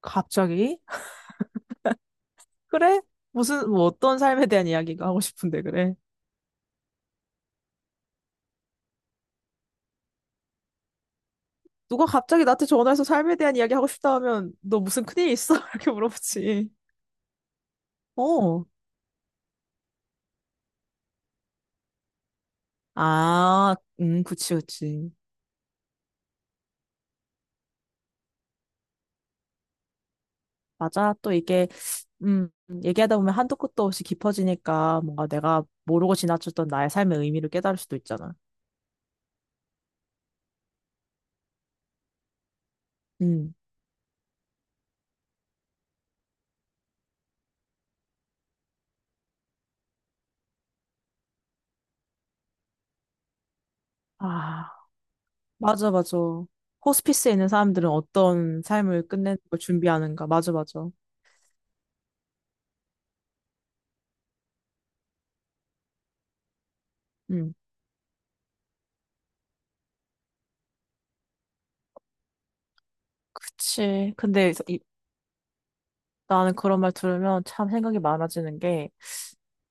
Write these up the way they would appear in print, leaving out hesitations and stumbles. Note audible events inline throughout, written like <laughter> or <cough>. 갑자기? 그래? 무슨, 뭐 어떤 삶에 대한 이야기가 하고 싶은데, 그래? 누가 갑자기 나한테 전화해서 삶에 대한 이야기 하고 싶다 하면, 너 무슨 큰일 있어? <laughs> 이렇게 물어보지. 어. 아, 그치, 그치. 맞아. 또 이게, 음, 얘기하다 보면 한도 끝도 없이 깊어지니까 뭔가 내가 모르고 지나쳤던 나의 삶의 의미를 깨달을 수도 있잖아. 음. 아, 맞아, 맞아. 호스피스에 있는 사람들은 어떤 삶을 끝내는 걸 준비하는가. 맞아, 맞아. 음. 그치. 나는 그런 말 들으면 참 생각이 많아지는 게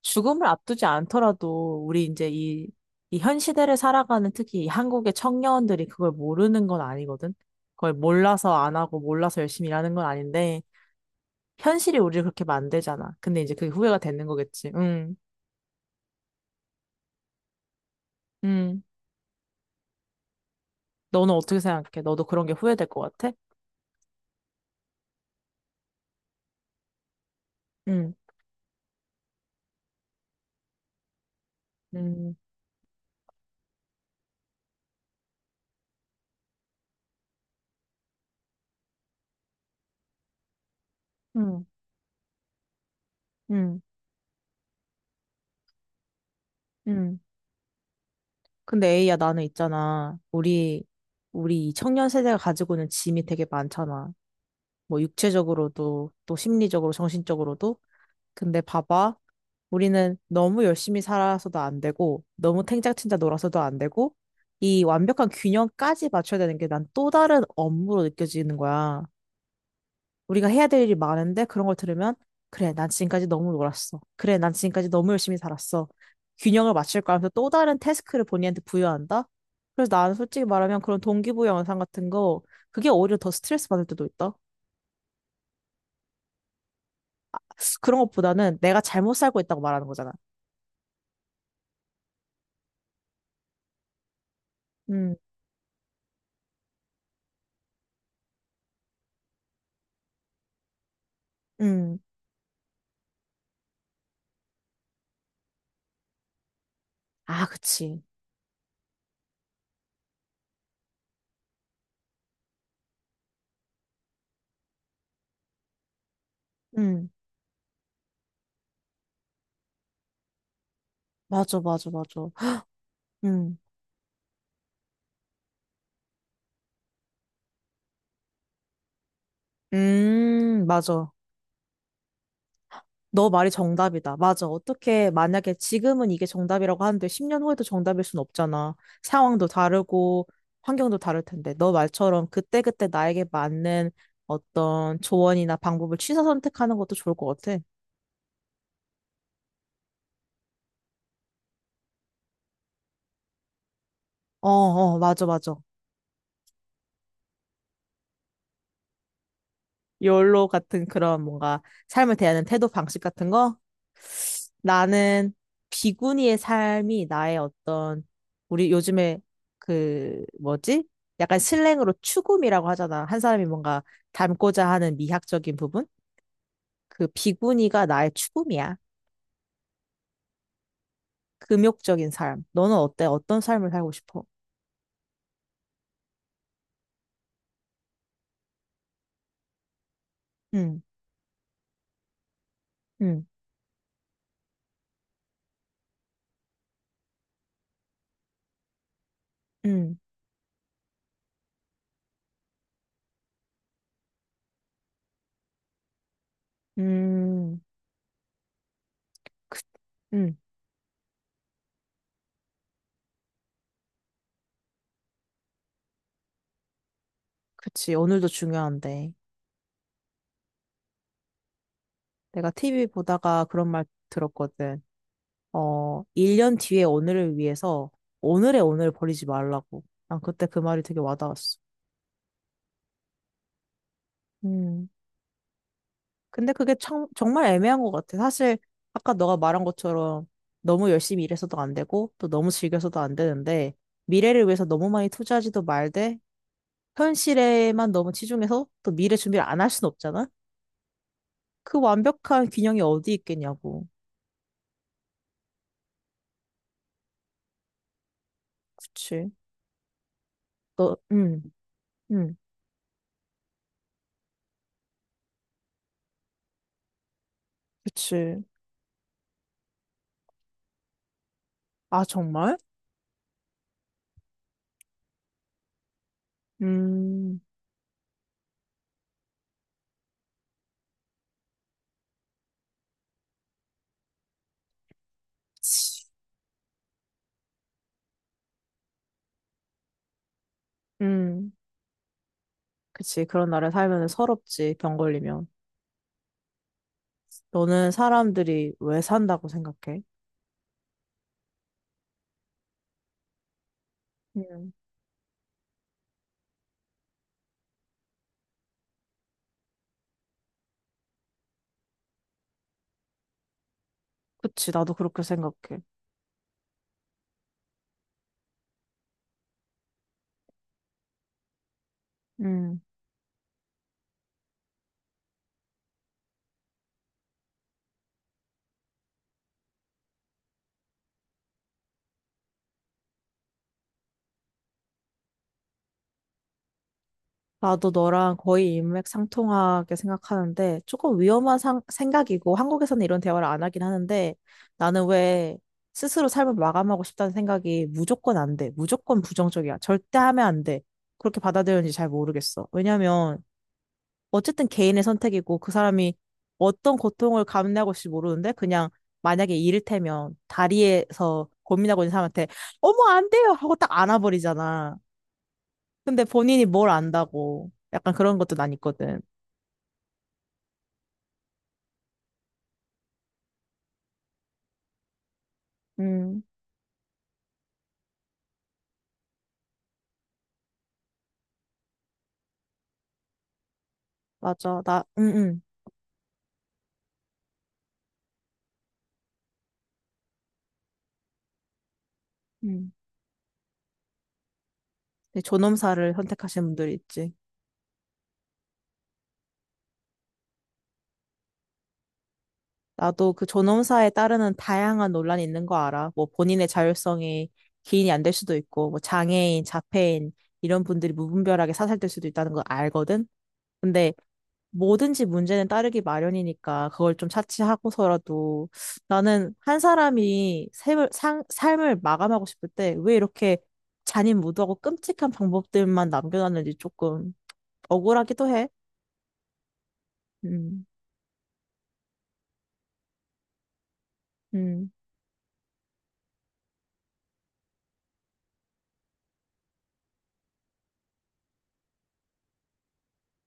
죽음을 앞두지 않더라도 우리 이제 이, 이 현 시대를 살아가는 특히 이 한국의 청년들이 그걸 모르는 건 아니거든. 그걸 몰라서 안 하고 몰라서 열심히 일하는 건 아닌데 현실이 우리를 그렇게 만들잖아. 근데 이제 그게 후회가 되는 거겠지. 응, 응. 너는 어떻게 생각해? 너도 그런 게 후회될 것 같아? 응, 응, 응, 응, 응. 근데 에이야 나는 있잖아. 우리 이 청년 세대가 가지고 있는 짐이 되게 많잖아. 뭐 육체적으로도 또 심리적으로 정신적으로도. 근데 봐봐. 우리는 너무 열심히 살아서도 안 되고 너무 탱자탱자 놀아서도 안 되고 이 완벽한 균형까지 맞춰야 되는 게 난 또 다른 업무로 느껴지는 거야. 우리가 해야 될 일이 많은데 그런 걸 들으면 그래, 난 지금까지 너무 놀았어. 그래, 난 지금까지 너무 열심히 살았어. 균형을 맞출 거야 하면서 또 다른 태스크를 본인한테 부여한다? 그래서 나는 솔직히 말하면 그런 동기부여 영상 같은 거 그게 오히려 더 스트레스 받을 때도 있다. 그런 것보다는 내가 잘못 살고 있다고 말하는 거잖아. 음, 음. 아, 그치. 음, 맞아, 맞아, 맞아. 음, 맞아. 너 말이 정답이다. 맞아. 어떻게, 만약에 지금은 이게 정답이라고 하는데 10년 후에도 정답일 순 없잖아. 상황도 다르고, 환경도 다를 텐데. 너 말처럼 그때그때 나에게 맞는 어떤 조언이나 방법을 취사 선택하는 것도 좋을 것 같아. 어, 어, 맞아, 맞아. 욜로 같은 그런 뭔가 삶을 대하는 태도 방식 같은 거? 나는 비구니의 삶이 나의 어떤 우리 요즘에 그 뭐지? 약간 슬랭으로 추구미라고 하잖아. 한 사람이 뭔가 닮고자 하는 미학적인 부분? 그 비구니가 나의 추구미야. 금욕적인 삶. 너는 어때? 어떤 삶을 살고 싶어? 응, 응, 응, 음, 그, 응, 그치. 오늘도 중요한데. 내가 TV 보다가 그런 말 들었거든. 어, 1년 뒤에 오늘을 위해서 오늘의 오늘을 버리지 말라고. 난 그때 그 말이 되게 와닿았어. 음. 근데 그게 참, 정말 애매한 것 같아. 사실, 아까 너가 말한 것처럼 너무 열심히 일해서도 안 되고, 또 너무 즐겨서도 안 되는데, 미래를 위해서 너무 많이 투자하지도 말되, 현실에만 너무 치중해서 또 미래 준비를 안 할 순 없잖아? 그 완벽한 균형이 어디 있겠냐고. 그치. 너, 음, 그치. 아, 정말? 음, 그치. 음. 그치. 그런 나라에 살면 서럽지, 병 걸리면. 너는 사람들이 왜 산다고 생각해? 음. 그치. 나도 그렇게 생각해. 음. 나도 너랑 거의 인맥상통하게 생각하는데, 조금 위험한 생각이고, 한국에서는 이런 대화를 안 하긴 하는데, 나는 왜 스스로 삶을 마감하고 싶다는 생각이 무조건 안 돼. 무조건 부정적이야. 절대 하면 안 돼. 그렇게 받아들였는지 잘 모르겠어. 왜냐면, 어쨌든 개인의 선택이고 그 사람이 어떤 고통을 감내하고 있을지 모르는데 그냥 만약에 이를테면 다리에서 고민하고 있는 사람한테 어머 안 돼요 하고 딱 안아버리잖아. 근데 본인이 뭘 안다고 약간 그런 것도 난 있거든. 음, 맞아. 나 응응. 음, 근데 존엄사를 선택하시는 분들이 있지. 나도 그 존엄사에 따르는 다양한 논란이 있는 거 알아. 뭐 본인의 자율성이 기인이 안 될 수도 있고, 뭐 장애인, 자폐인 이런 분들이 무분별하게 사살될 수도 있다는 거 알거든. 근데 뭐든지 문제는 따르기 마련이니까 그걸 좀 차치하고서라도 나는 한 사람이 삶을 마감하고 싶을 때 왜 이렇게 잔인무도하고 끔찍한 방법들만 남겨놨는지 조금 억울하기도 해. 음, 음,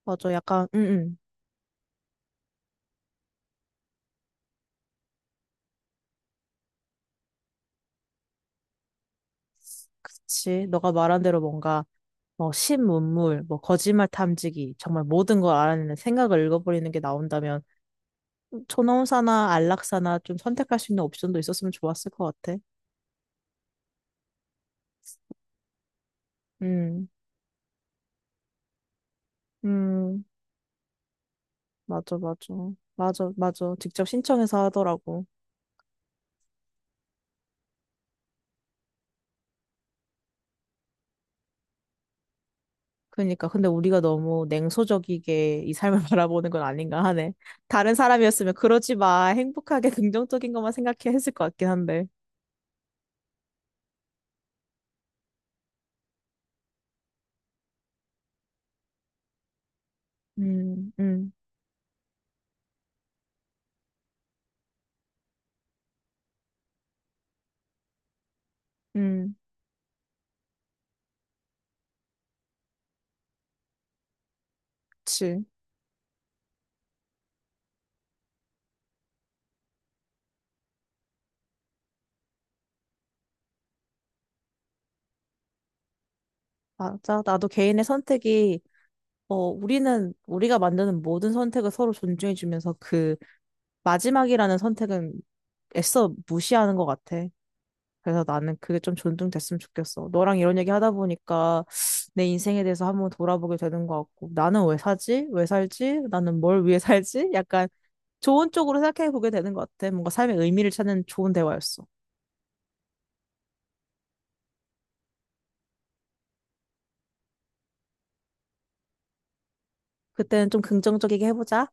맞아. 약간, 그치. 너가 말한 대로 뭔가 뭐 신문물, 뭐 거짓말 탐지기, 정말 모든 걸 알아내는 생각을 읽어버리는 게 나온다면 초노운사나 안락사나 좀 선택할 수 있는 옵션도 있었으면 좋았을 것 같아. 음. 음, 맞아, 맞아. 맞아, 맞아. 직접 신청해서 하더라고. 그러니까. 근데 우리가 너무 냉소적이게 이 삶을 <laughs> 바라보는 건 아닌가 하네. 다른 사람이었으면 그러지 마. 행복하게 <laughs> 긍정적인 것만 생각해 했을 것 같긴 한데. 음, 음, 음. 그치. 맞아. 나도 개인의 선택이, 어, 우리는, 우리가 만드는 모든 선택을 서로 존중해주면서 그 마지막이라는 선택은 애써 무시하는 것 같아. 그래서 나는 그게 좀 존중됐으면 좋겠어. 너랑 이런 얘기 하다 보니까 <sniffs> 내 인생에 대해서 한번 돌아보게 되는 것 같고, 나는 왜 사지? 왜 살지? 나는 뭘 위해 살지? 약간 좋은 쪽으로 생각해 보게 되는 것 같아. 뭔가 삶의 의미를 찾는 좋은 대화였어. 그때는 좀 긍정적이게 해보자.